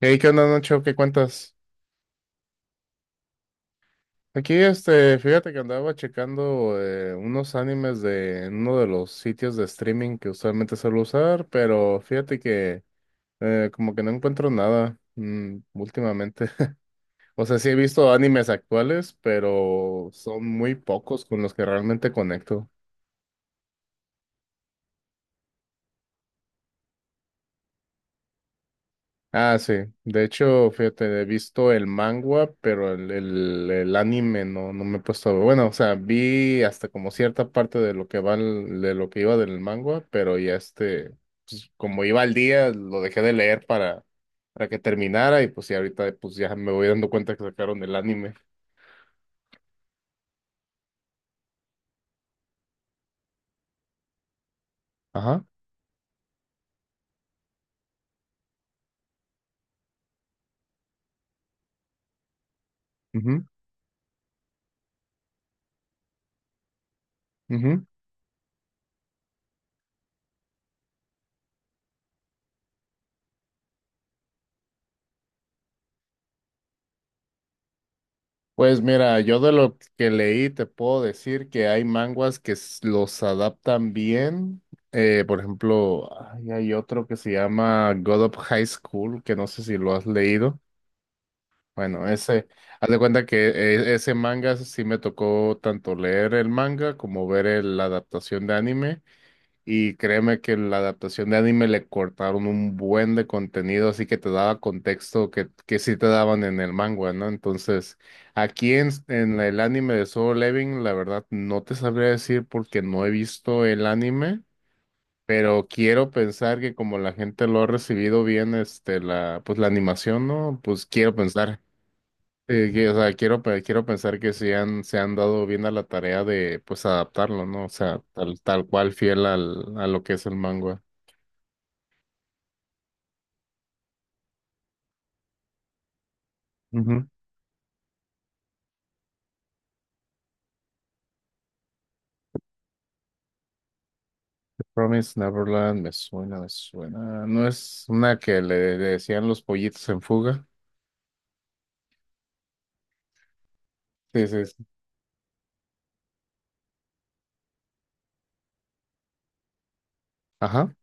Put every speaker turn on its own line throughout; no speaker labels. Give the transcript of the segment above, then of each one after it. Hey, ¿qué onda, Nacho? ¿Qué cuentas? Aquí, este, fíjate que andaba checando unos animes de en uno de los sitios de streaming que usualmente suelo usar, pero fíjate que como que no encuentro nada últimamente. O sea, sí he visto animes actuales, pero son muy pocos con los que realmente conecto. Ah, sí. De hecho, fíjate, he visto el manga, pero el anime no me he puesto a ver. Bueno, o sea, vi hasta como cierta parte de lo que va de lo que iba del manga, pero ya este, pues, como iba al día, lo dejé de leer para que terminara, y pues y ahorita pues ya me voy dando cuenta que sacaron el anime. Ajá. Mhm. Pues mira, yo de lo que leí te puedo decir que hay manguas que los adaptan bien. Por ejemplo, ay, hay otro que se llama God of High School, que no sé si lo has leído. Bueno, ese, haz de cuenta que ese manga sí me tocó tanto leer el manga como ver la adaptación de anime. Y créeme que la adaptación de anime le cortaron un buen de contenido, así que te daba contexto que sí te daban en el manga, ¿no? Entonces, aquí en el anime de Solo Leveling, la verdad no te sabría decir porque no he visto el anime, pero quiero pensar que como la gente lo ha recibido bien, este, la, pues la animación, ¿no? Pues quiero pensar. Que, o sea, quiero, quiero pensar que sí han, se han dado bien a la tarea de, pues, adaptarlo, ¿no? O sea, tal cual fiel al, a lo que es el manga. Ujú. The Promised Neverland, me suena, me suena. ¿No es una que le decían los pollitos en fuga? Sí, sí, sí. Ajá.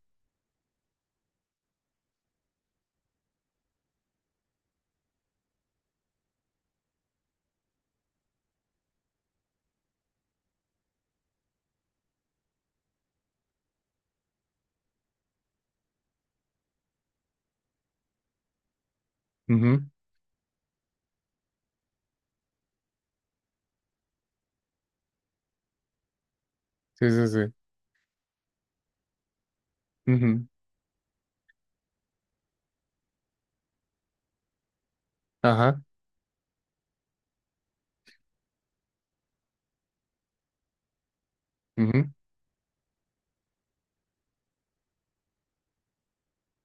Ujú. Sí, sí, sí. Ujú. Ajá. Ujú.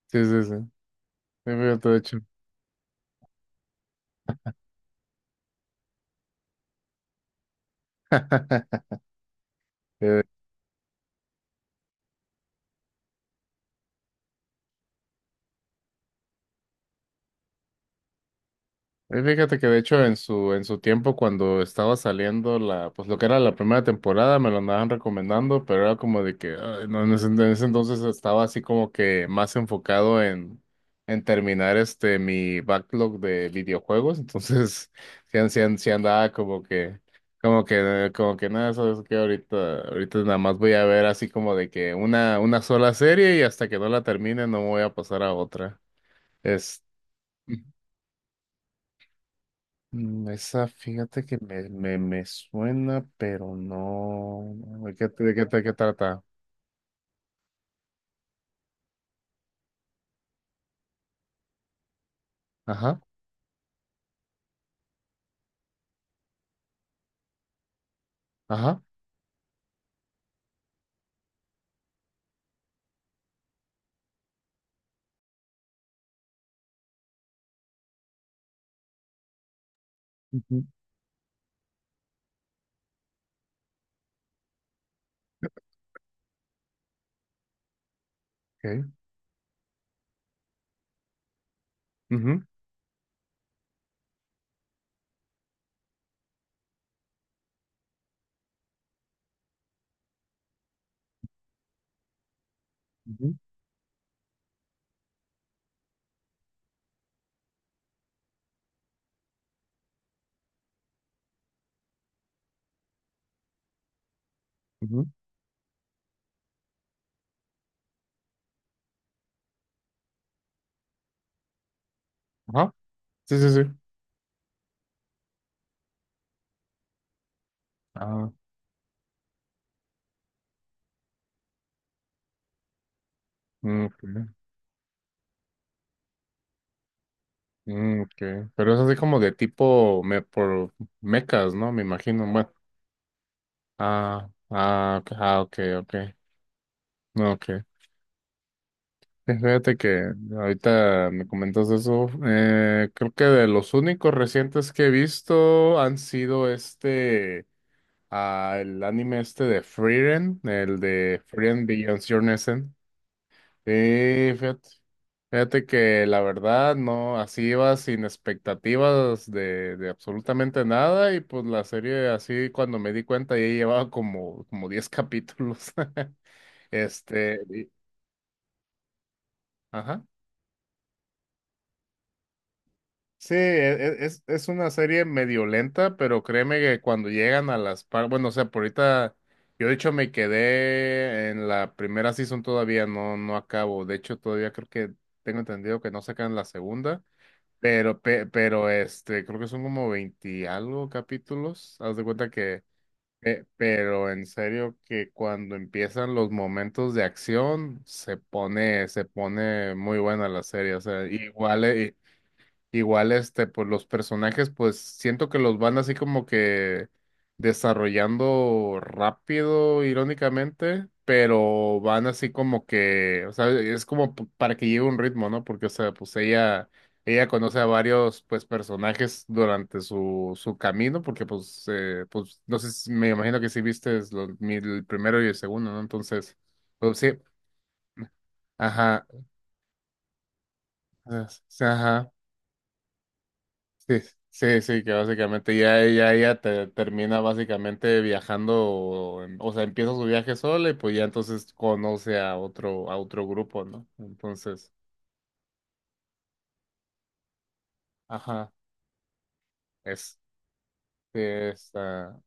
Sí, sí, sí. Sí, fíjate, de hecho. Eh, Fíjate que de hecho en su tiempo cuando estaba saliendo la, pues lo que era la primera temporada me lo andaban recomendando, pero era como de que ay, no, en ese entonces estaba así como que más enfocado en terminar este mi backlog de videojuegos, entonces sí andaba como que nada, sabes que ahorita nada más voy a ver así como de que una sola serie y hasta que no la termine no me voy a pasar a otra. Es Esa, fíjate que me suena, pero no. no, ¿De qué trata? Ajá, ajá. Ujú. Okay. Ujú, ujú, ujú. Ajá. Sí, sí, sí. Ah, mm, ok. Mm, ok. Pero es así como de tipo por mecas, ¿no? Me imagino. Bueno. Ah, ah, ok, ah, ok, ok. No, ok. Sí, fíjate que ahorita me comentas eso. Creo que de los únicos recientes que he visto han sido este. Al anime este de Frieren, el de Frieren Beyond Your Nessen. Sí, fíjate, fíjate que la verdad no, así iba sin expectativas de absolutamente nada y pues la serie así cuando me di cuenta ya llevaba como 10 capítulos. Este, ajá. Sí, es una serie medio lenta, pero créeme que cuando llegan bueno, o sea, por ahorita, yo de hecho me quedé en la primera season todavía, no acabo. De hecho, todavía creo que tengo entendido que no sacan la segunda, pero, pero este, creo que son como 20 y algo capítulos. Haz de cuenta que, pero en serio que cuando empiezan los momentos de acción, se pone muy buena la serie. O sea, igual, igual, este, pues los personajes, pues siento que los van así como que desarrollando rápido, irónicamente, pero van así como que, o sea, es como para que lleve un ritmo, ¿no? Porque, o sea, pues ella conoce a varios, pues, personajes durante su camino, porque, pues, pues, no sé, me imagino que sí viste el primero y el segundo, ¿no? Entonces, pues sí, ajá, sí, ajá. Sí, sí, sí, que básicamente ya ella termina básicamente viajando, o sea, empieza su viaje sola y pues ya entonces conoce a otro grupo, ¿no? Entonces, ajá, es, sí, esa,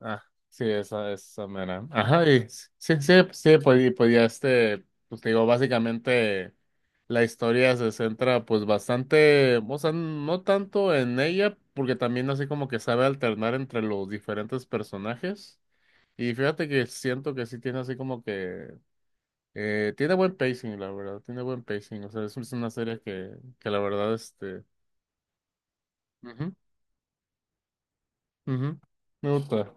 ah, sí, esa mera. Ajá, y sí, sí, sí, pues, y pues ya este, pues te digo, básicamente la historia se centra pues bastante, o sea, no tanto en ella, porque también así como que sabe alternar entre los diferentes personajes. Y fíjate que siento que sí tiene así como que... tiene buen pacing, la verdad, tiene buen pacing. O sea, es una serie que la verdad, este... Ujú, ujú, me gusta.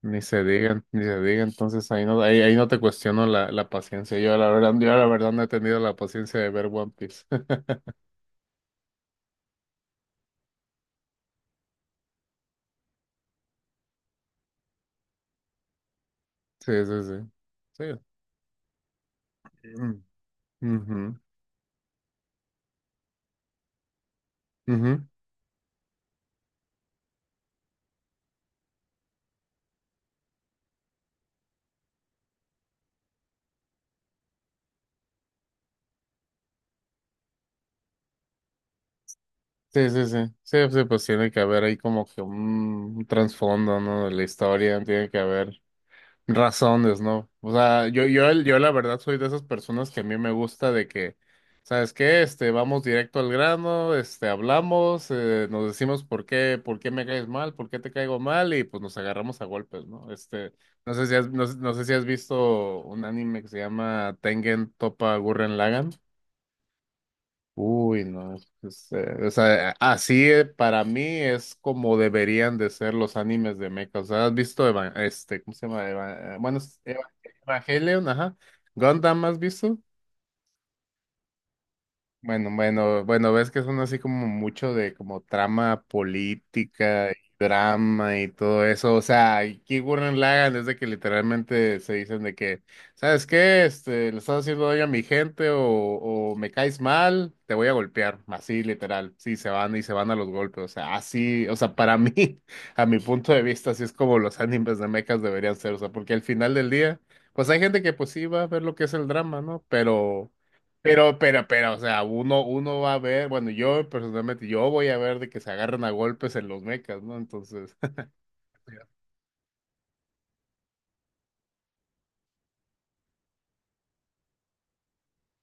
Ni se digan, ni se diga. Entonces ahí no, ahí no te cuestiono la paciencia. Yo la verdad no he tenido la paciencia de ver One Piece. Sí, sí, sí. Sí. Mm, ujú, ujú. Sí, sí, sí. Sí, sí, pues tiene que haber ahí como que un trasfondo, ¿no? De la historia, tiene que haber. Razones, ¿no? O sea, yo la verdad soy de esas personas que a mí me gusta de que, ¿sabes qué? Este, vamos directo al grano, este, hablamos, nos decimos por qué, me caes mal, por qué te caigo mal, y pues nos agarramos a golpes, ¿no? Este, no sé si has visto un anime que se llama Tengen Toppa Gurren Lagann. Uy, no, o sea, así para mí es como deberían de ser los animes de mecha. O sea, ¿has visto este, ¿cómo se llama? Bueno, es Evangelion, ajá. Gundam, ¿has visto? Bueno, bueno, bueno, ves que son así como mucho de como trama política y drama y todo eso. O sea, aquí Gurren Lagann es de que literalmente se dicen de que, ¿sabes qué? Este, le estás haciendo daño a mi gente o me caes mal, te voy a golpear. Así literal. Sí, se van y se van a los golpes. O sea, así, o sea, para mí, a mi punto de vista, así es como los animes de mechas deberían ser. O sea, porque al final del día, pues hay gente que pues sí va a ver lo que es el drama, ¿no? Pero. Pero, o sea, uno va a ver, bueno, yo personalmente, yo voy a ver de que se agarran a golpes en los mechas, ¿no? Entonces,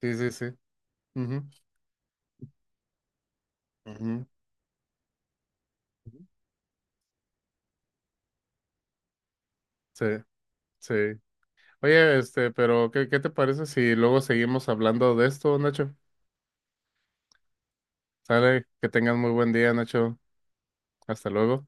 sí, sí, sí. Ujú, ujú. Sí, sí. Oye, este, pero ¿qué te parece si luego seguimos hablando de esto, Nacho? Sale, que tengas muy buen día, Nacho. Hasta luego.